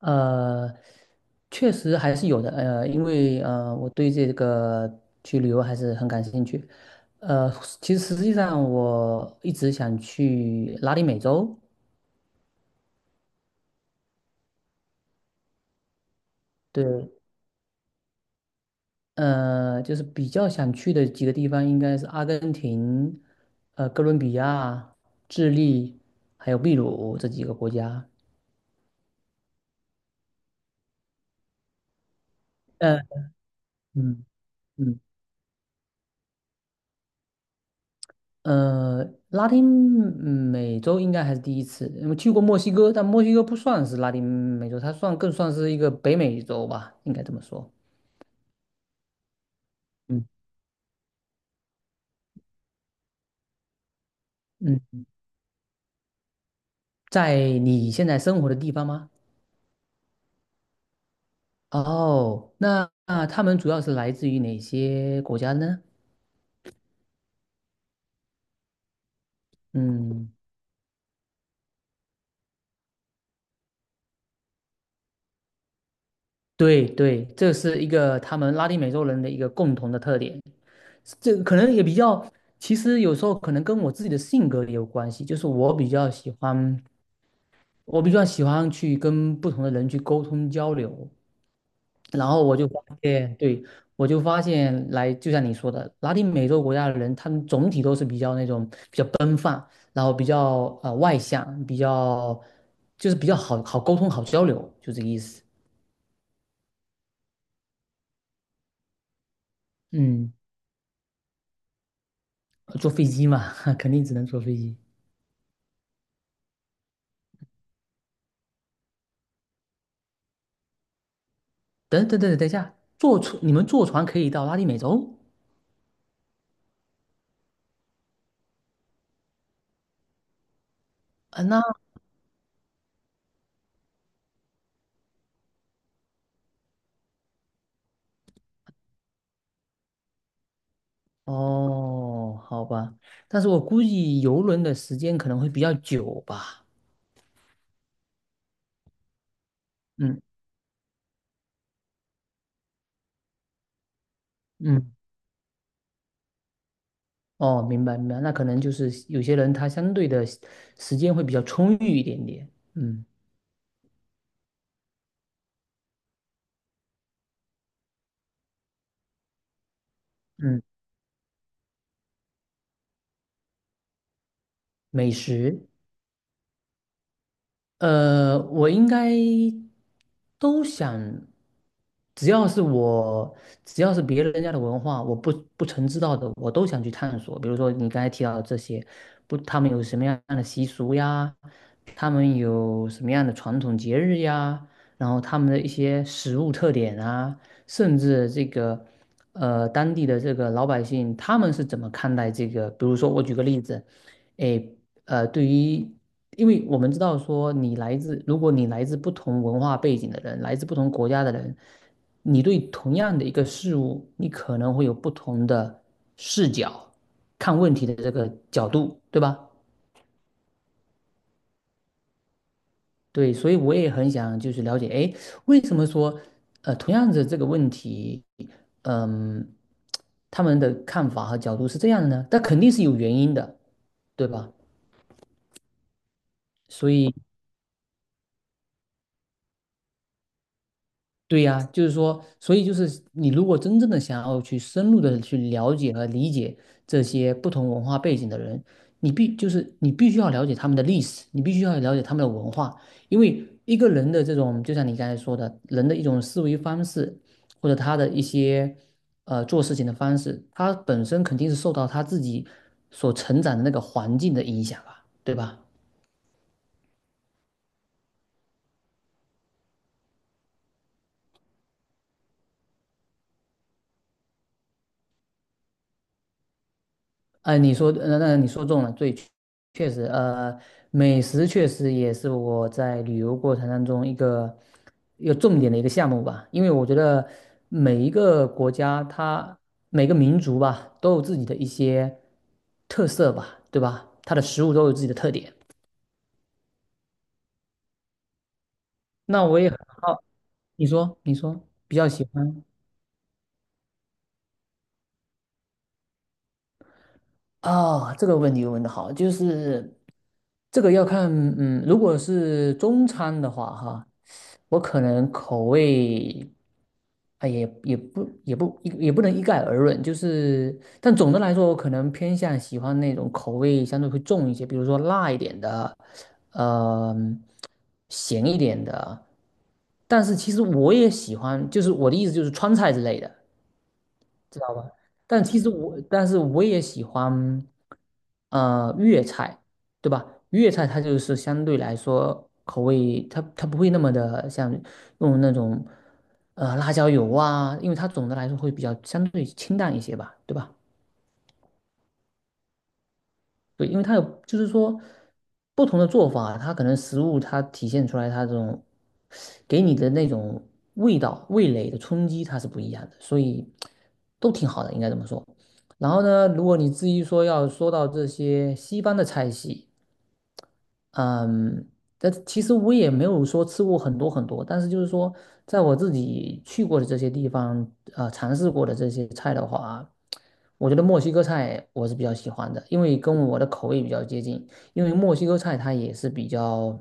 呃，确实还是有的，因为我对这个去旅游还是很感兴趣。呃，其实实际上我一直想去拉丁美洲。对，就是比较想去的几个地方应该是阿根廷、哥伦比亚、智利，还有秘鲁这几个国家。呃，嗯嗯。呃，拉丁美洲应该还是第一次，因为去过墨西哥，但墨西哥不算是拉丁美洲，它算更算是一个北美洲吧，应该这么说。嗯嗯，在你现在生活的地方吗？哦，那他们主要是来自于哪些国家呢？嗯，对对，这是一个他们拉丁美洲人的一个共同的特点，这个可能也比较，其实有时候可能跟我自己的性格也有关系，就是我比较喜欢。我比较喜欢去跟不同的人去沟通交流，然后我就发现，对，我就发现来，就像你说的，拉丁美洲国家的人，他们总体都是比较那种比较奔放，然后比较外向，比较就是比较好好沟通、好交流，就这个意思。嗯，坐飞机嘛，肯定只能坐飞机。等一下，坐船你们坐船可以到拉丁美洲？啊，那哦，好吧，但是我估计游轮的时间可能会比较久吧。嗯嗯，哦，明白明白，那可能就是有些人他相对的时间会比较充裕一点点。嗯嗯，美食，我应该都想，只要是我，只要是别人家的文化，我不曾知道的，我都想去探索。比如说你刚才提到的这些，不，他们有什么样的习俗呀？他们有什么样的传统节日呀？然后他们的一些食物特点啊，甚至这个当地的这个老百姓他们是怎么看待这个？比如说我举个例子。哎诶对于，因为我们知道说，你来自，如果你来自不同文化背景的人，来自不同国家的人，你对同样的一个事物，你可能会有不同的视角，看问题的这个角度，对吧？对，所以我也很想就是了解，哎，为什么说，同样的这个问题，嗯，他们的看法和角度是这样的呢？但肯定是有原因的，对吧？所以。对呀，就是说，所以就是你如果真正的想要去深入的去了解和理解这些不同文化背景的人，就是你必须要了解他们的历史，你必须要了解他们的文化，因为一个人的这种，就像你刚才说的，人的一种思维方式，或者他的一些做事情的方式，他本身肯定是受到他自己所成长的那个环境的影响吧，对吧？你说，那你说中了，对，确实，美食确实也是我在旅游过程当中一个有重点的一个项目吧，因为我觉得每一个国家它每个民族吧都有自己的一些特色吧，对吧？它的食物都有自己的特点。那我也很好，你说，你说，比较喜欢。啊，这个问题问的好，就是这个要看，如果是中餐的话，哈，我可能口味啊也不能一概而论，就是但总的来说，我可能偏向喜欢那种口味相对会重一些，比如说辣一点的，呃，咸一点的，但是其实我也喜欢，就是我的意思就是川菜之类的。知道吧？但是我也喜欢，粤菜，对吧？粤菜它就是相对来说口味，它不会那么的像用那种，辣椒油啊，因为它总的来说会比较相对清淡一些吧，对吧？对，因为它有，就是说不同的做法，它可能食物它体现出来它这种给你的那种味道、味蕾的冲击，它是不一样的，所以都挺好的，应该这么说。然后呢，如果你至于说要说到这些西方的菜系，嗯，但其实我也没有说吃过很多很多，但是就是说，在我自己去过的这些地方，尝试过的这些菜的话，我觉得墨西哥菜我是比较喜欢的，因为跟我的口味比较接近。因为墨西哥菜它也是比较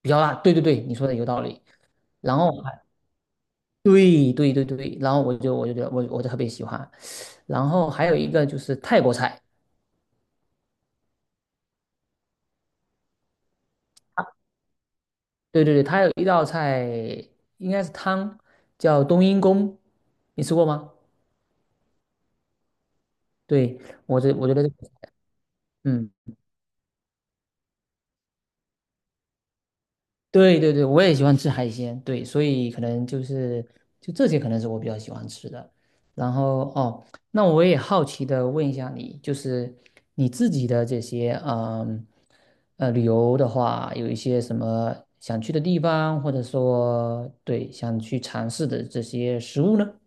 比较辣，对对对，你说的有道理。然后对对对对，然后我就觉得我就特别喜欢。然后还有一个就是泰国菜。对对对，它有一道菜应该是汤，叫冬阴功，你吃过吗？对，我觉得这个嗯，对对对，我也喜欢吃海鲜，对，所以可能就是就这些可能是我比较喜欢吃的。然后哦，那我也好奇的问一下你，就是你自己的这些旅游的话，有一些什么想去的地方，或者说对想去尝试的这些食物呢？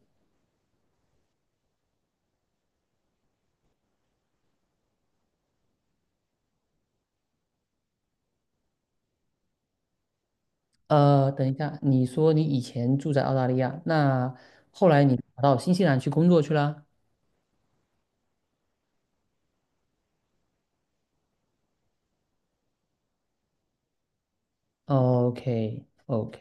等一下，你说你以前住在澳大利亚，那后来你跑到新西兰去工作去啦 OK OK。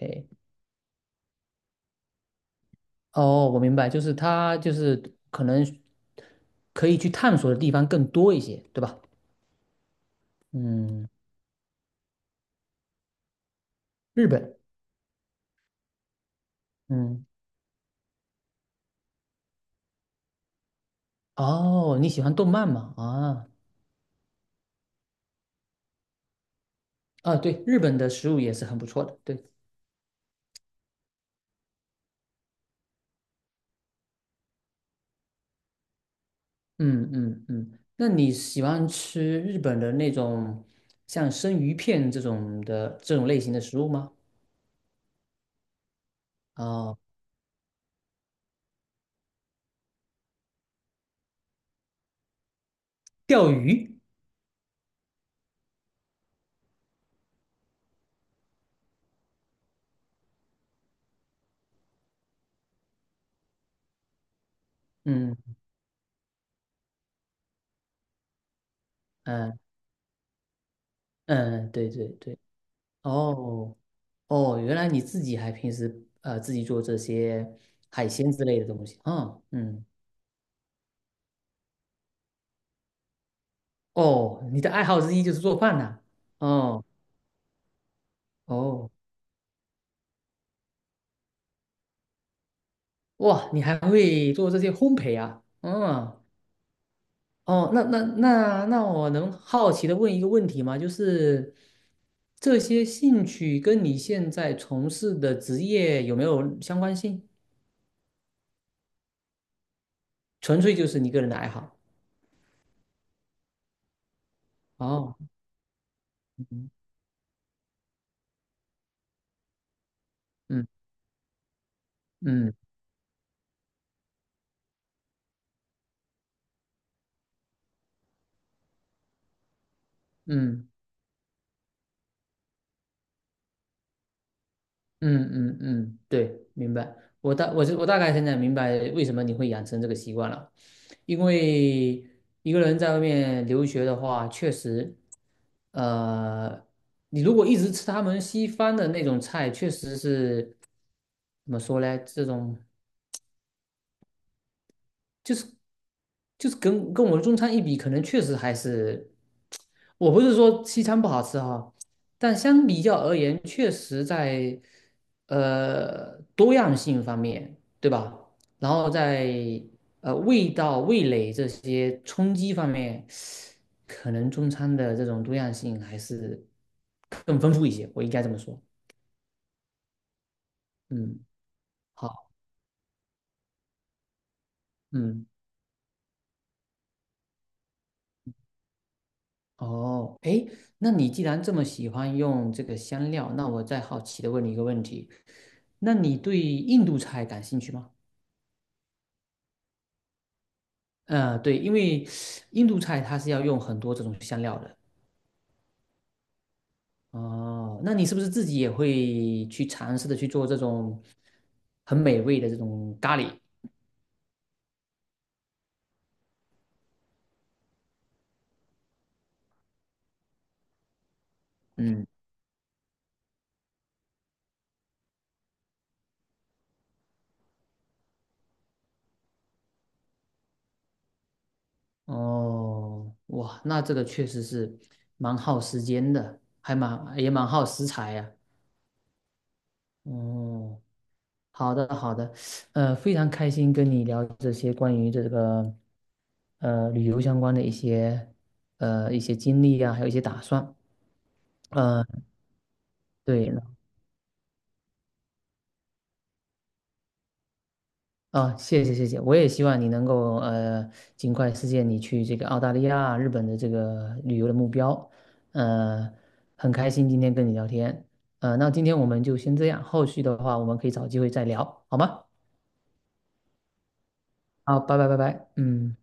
哦，我明白，就是他就是可能可以去探索的地方更多一些，对吧？嗯，日本，嗯，哦，你喜欢动漫吗？啊，啊，对，日本的食物也是很不错的，对，嗯，那你喜欢吃日本的那种像生鱼片这种的这种类型的食物吗？哦钓鱼。嗯嗯嗯，对对对，哦哦，原来你自己还平时自己做这些海鲜之类的东西，嗯嗯。哦，你的爱好之一就是做饭呐、哦哦，哇，你还会做这些烘焙啊，嗯。哦，那我能好奇的问一个问题吗？就是这些兴趣跟你现在从事的职业有没有相关性？纯粹就是你个人的爱好。哦，嗯嗯嗯嗯嗯，对，明白。我大概现在明白为什么你会养成这个习惯了，因为一个人在外面留学的话，确实，呃，你如果一直吃他们西方的那种菜，确实是怎么说呢？这种就是就是跟我们中餐一比，可能确实还是，我不是说西餐不好吃哈，但相比较而言，确实在多样性方面，对吧？然后在味道、味蕾这些冲击方面，可能中餐的这种多样性还是更丰富一些，我应该这么说。嗯，好，嗯。哦，诶，那你既然这么喜欢用这个香料，那我再好奇的问你一个问题，那你对印度菜感兴趣吗？对，因为印度菜它是要用很多这种香料的。哦，那你是不是自己也会去尝试的去做这种很美味的这种咖喱？嗯，哦，哇，那这个确实是蛮耗时间的，还蛮耗食材呀、哦，好的，好的，非常开心跟你聊这些关于这个旅游相关的一些一些经历啊，还有一些打算。呃，对了，啊，谢谢谢谢，我也希望你能够尽快实现你去这个澳大利亚、日本的这个旅游的目标。呃，很开心今天跟你聊天。那今天我们就先这样，后续的话我们可以找机会再聊，好吗？好，拜拜拜拜，嗯。